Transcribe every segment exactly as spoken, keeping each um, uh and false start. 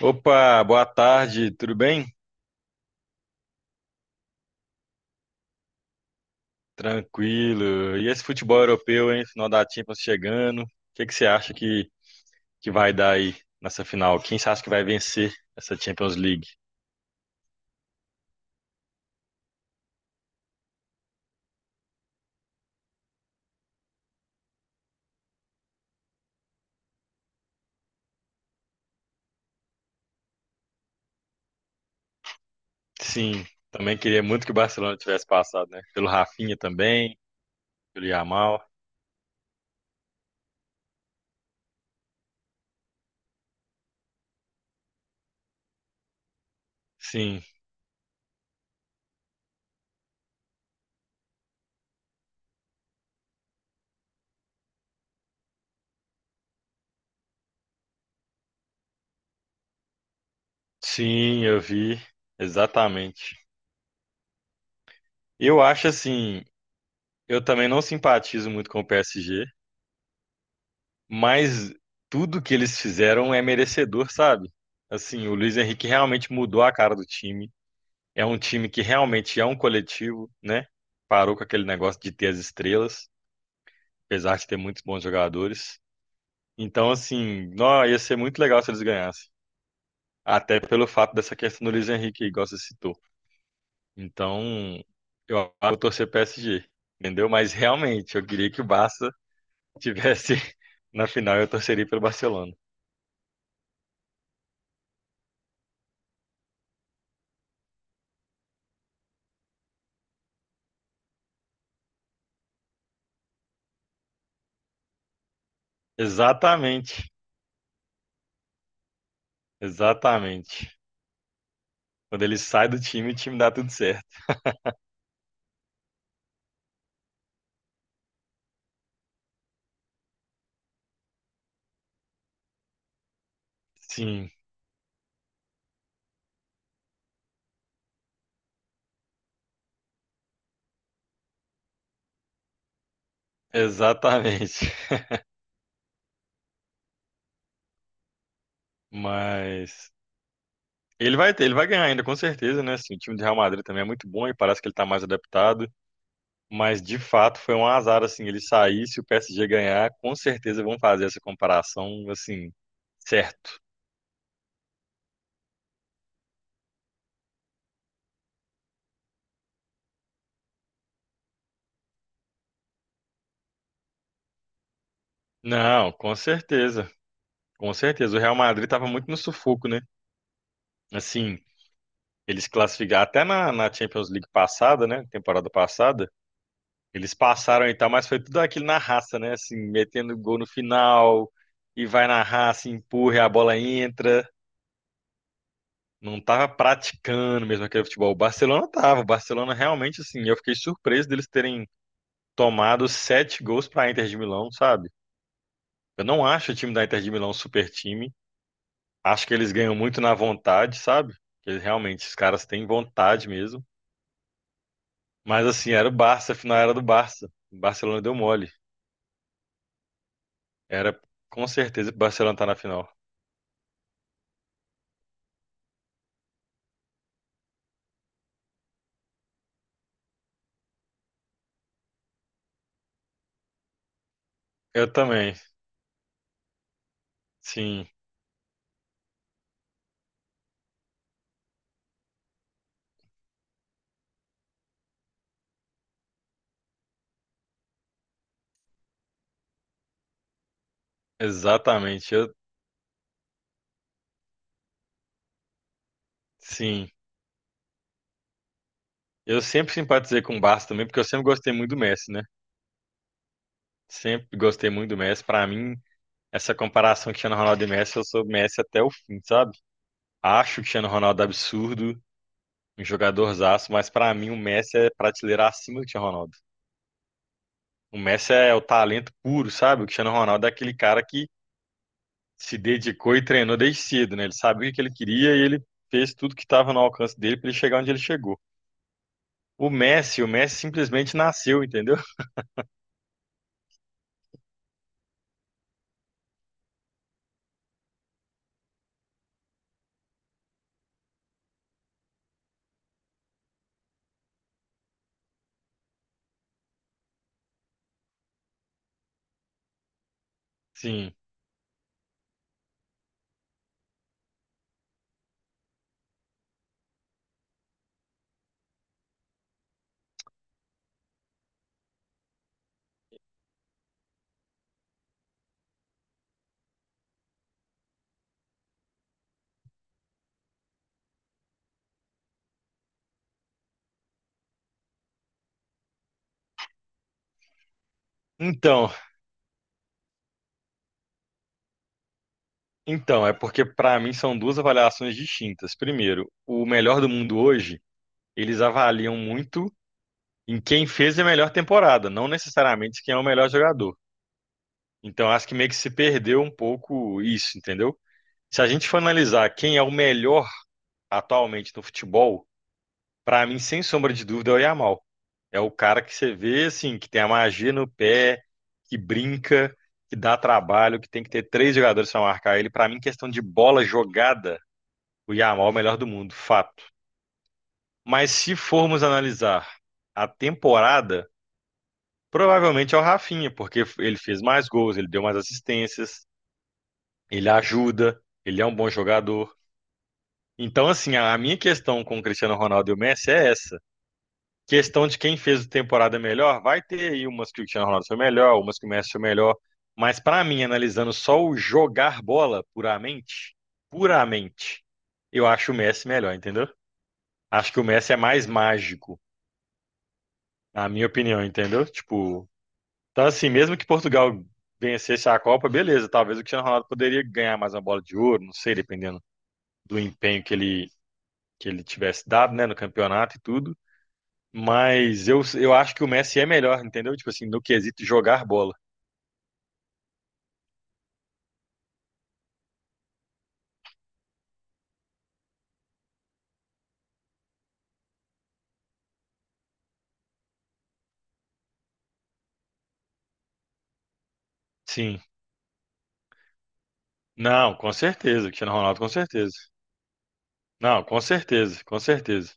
Opa, boa tarde, tudo bem? Tranquilo. E esse futebol europeu, hein? Final da Champions chegando. O que que você acha que, que vai dar aí nessa final? Quem você acha que vai vencer essa Champions League? Sim, também queria muito que o Barcelona tivesse passado, né? Pelo Rafinha também, pelo Yamal. Sim, sim, eu vi. Exatamente. Eu acho assim, eu também não simpatizo muito com o P S G, mas tudo que eles fizeram é merecedor, sabe? Assim, o Luiz Henrique realmente mudou a cara do time. É um time que realmente é um coletivo, né? Parou com aquele negócio de ter as estrelas, apesar de ter muitos bons jogadores. Então, assim, nó, ia ser muito legal se eles ganhassem. Até pelo fato dessa questão do Luiz Henrique, igual você citou. Então, eu acho que eu vou torcer P S G, entendeu? Mas realmente, eu queria que o Barça tivesse na final, eu torceria pelo Barcelona. Exatamente. Exatamente. Quando ele sai do time, o time dá tudo certo. Sim, exatamente. Mas ele vai ter, ele vai ganhar ainda, com certeza, né? Assim, o time do Real Madrid também é muito bom e parece que ele tá mais adaptado. Mas de fato foi um azar, assim, ele sair, se o P S G ganhar, com certeza vão fazer essa comparação, assim, certo. Não, com certeza. Com certeza. O Real Madrid estava muito no sufoco, né? Assim, eles classificaram até na, na Champions League passada, né? Temporada passada. Eles passaram e tal, mas foi tudo aquilo na raça, né? Assim, metendo gol no final, e vai na raça, empurra, e a bola entra. Não tava praticando mesmo aquele futebol. O Barcelona tava. O Barcelona realmente, assim, eu fiquei surpreso deles terem tomado sete gols pra Inter de Milão, sabe? Eu não acho o time da Inter de Milão um super time. Acho que eles ganham muito na vontade, sabe? Eles realmente, os caras têm vontade mesmo. Mas assim, era o Barça, a final era do Barça. O Barcelona deu mole. Era com certeza que o Barcelona tá na final. Eu também. Sim, exatamente. Eu, sim. Eu sempre simpatizei com o Barça também, porque eu sempre gostei muito do Messi, né? Sempre gostei muito do Messi. Pra mim, essa comparação Cristiano Ronaldo e Messi, eu sou Messi até o fim, sabe? Acho o Cristiano Ronaldo absurdo, um jogadorzaço, mas pra mim o Messi é prateleira acima do Cristiano Ronaldo. O Messi é o talento puro, sabe? O Cristiano Ronaldo é aquele cara que se dedicou e treinou desde cedo, né? Ele sabia o que ele queria e ele fez tudo que estava no alcance dele pra ele chegar onde ele chegou. O Messi, o Messi simplesmente nasceu, entendeu? Sim. Então, então é porque para mim são duas avaliações distintas. Primeiro, o melhor do mundo hoje, eles avaliam muito em quem fez a melhor temporada, não necessariamente quem é o melhor jogador. Então, acho que meio que se perdeu um pouco isso, entendeu? Se a gente for analisar quem é o melhor atualmente no futebol, pra mim, sem sombra de dúvida, é o Yamal. É o cara que você vê, assim, que tem a magia no pé, que brinca, que dá trabalho, que tem que ter três jogadores pra marcar ele. Pra mim, questão de bola jogada, o Yamal é o melhor do mundo, fato. Mas se formos analisar a temporada, provavelmente é o Rafinha, porque ele fez mais gols, ele deu mais assistências, ele ajuda, ele é um bom jogador. Então, assim, a minha questão com o Cristiano Ronaldo e o Messi é essa. Questão de quem fez a temporada melhor, vai ter aí umas que o Cristiano Ronaldo foi melhor, umas que o Messi foi melhor. Mas para mim, analisando só o jogar bola puramente, puramente, eu acho o Messi melhor, entendeu? Acho que o Messi é mais mágico, na minha opinião, entendeu? Tipo, então assim, mesmo que Portugal vencesse a Copa, beleza, talvez o Cristiano Ronaldo poderia ganhar mais uma bola de ouro, não sei, dependendo do empenho que ele que ele tivesse dado, né, no campeonato e tudo. Mas eu, eu acho que o Messi é melhor, entendeu? Tipo assim, no quesito jogar bola. Sim. Não, com certeza. Cristiano Ronaldo, com certeza. Não, com certeza, com certeza.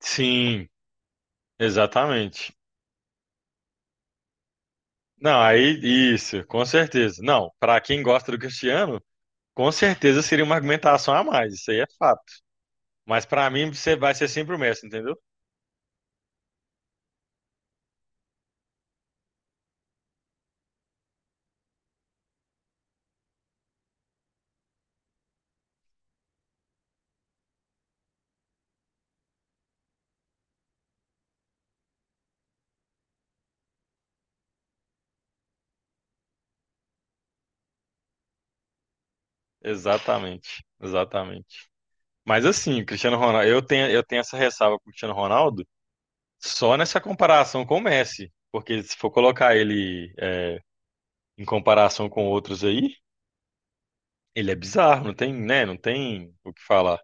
Sim, exatamente. Não, aí isso, com certeza. Não, pra quem gosta do Cristiano, com certeza seria uma argumentação a mais, isso aí é fato. Mas pra mim você vai ser sempre o Messi, entendeu? Exatamente, exatamente. Mas assim, Cristiano Ronaldo, eu tenho, eu tenho essa ressalva com o Cristiano Ronaldo. Só nessa comparação com o Messi, porque se for colocar ele é, em comparação com outros aí, ele é bizarro, não tem, né, não tem o que falar.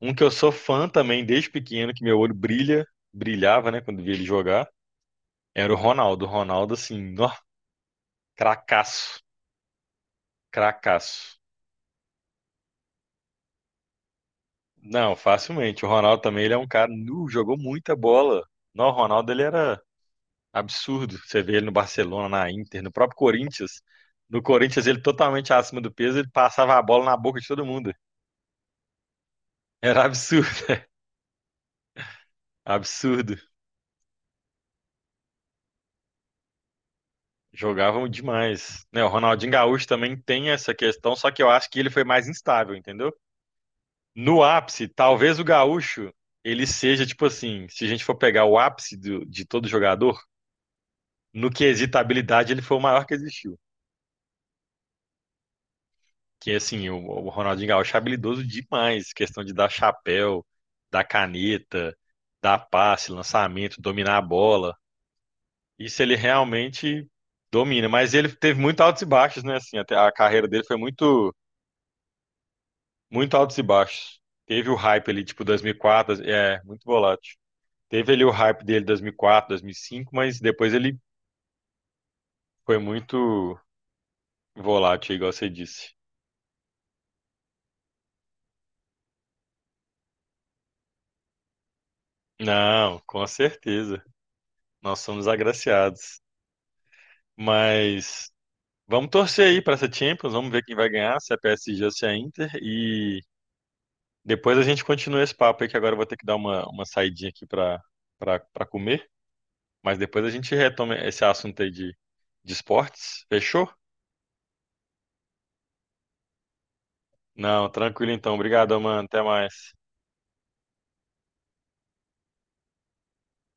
Um que eu sou fã também desde pequeno, que meu olho brilha, brilhava, né, quando via ele jogar, era o Ronaldo. O Ronaldo, assim, ó, cracaço, cracaço. Não, facilmente. O Ronaldo também, ele é um cara, nu, jogou muita bola. Não, o Ronaldo, ele era absurdo. Você vê ele no Barcelona, na Inter, no próprio Corinthians. No Corinthians, ele totalmente acima do peso, ele passava a bola na boca de todo mundo. Era absurdo, absurdo. Jogavam demais. Né, o Ronaldinho Gaúcho também tem essa questão, só que eu acho que ele foi mais instável, entendeu? No ápice, talvez o Gaúcho, ele seja tipo assim, se a gente for pegar o ápice do- de todo jogador, no quesito habilidade, ele foi o maior que existiu. Que assim, o, o Ronaldinho Gaúcho é habilidoso demais, questão de dar chapéu, dar caneta, dar passe, lançamento, dominar a bola. Isso ele realmente domina, mas ele teve muito altos e baixos, né? Assim, até a carreira dele foi muito, muito altos e baixos. Teve o hype ali, tipo dois mil e quatro, é, muito volátil. Teve ali o hype dele dois mil e quatro, dois mil e cinco, mas depois ele foi muito volátil, igual você disse. Não, com certeza. Nós somos agraciados. Mas vamos torcer aí para essa Champions, vamos ver quem vai ganhar, se é P S G ou se é Inter. E depois a gente continua esse papo aí, que agora eu vou ter que dar uma, uma saidinha aqui para para para comer. Mas depois a gente retoma esse assunto aí de, de esportes. Fechou? Não, tranquilo então. Obrigado, mano. Até mais.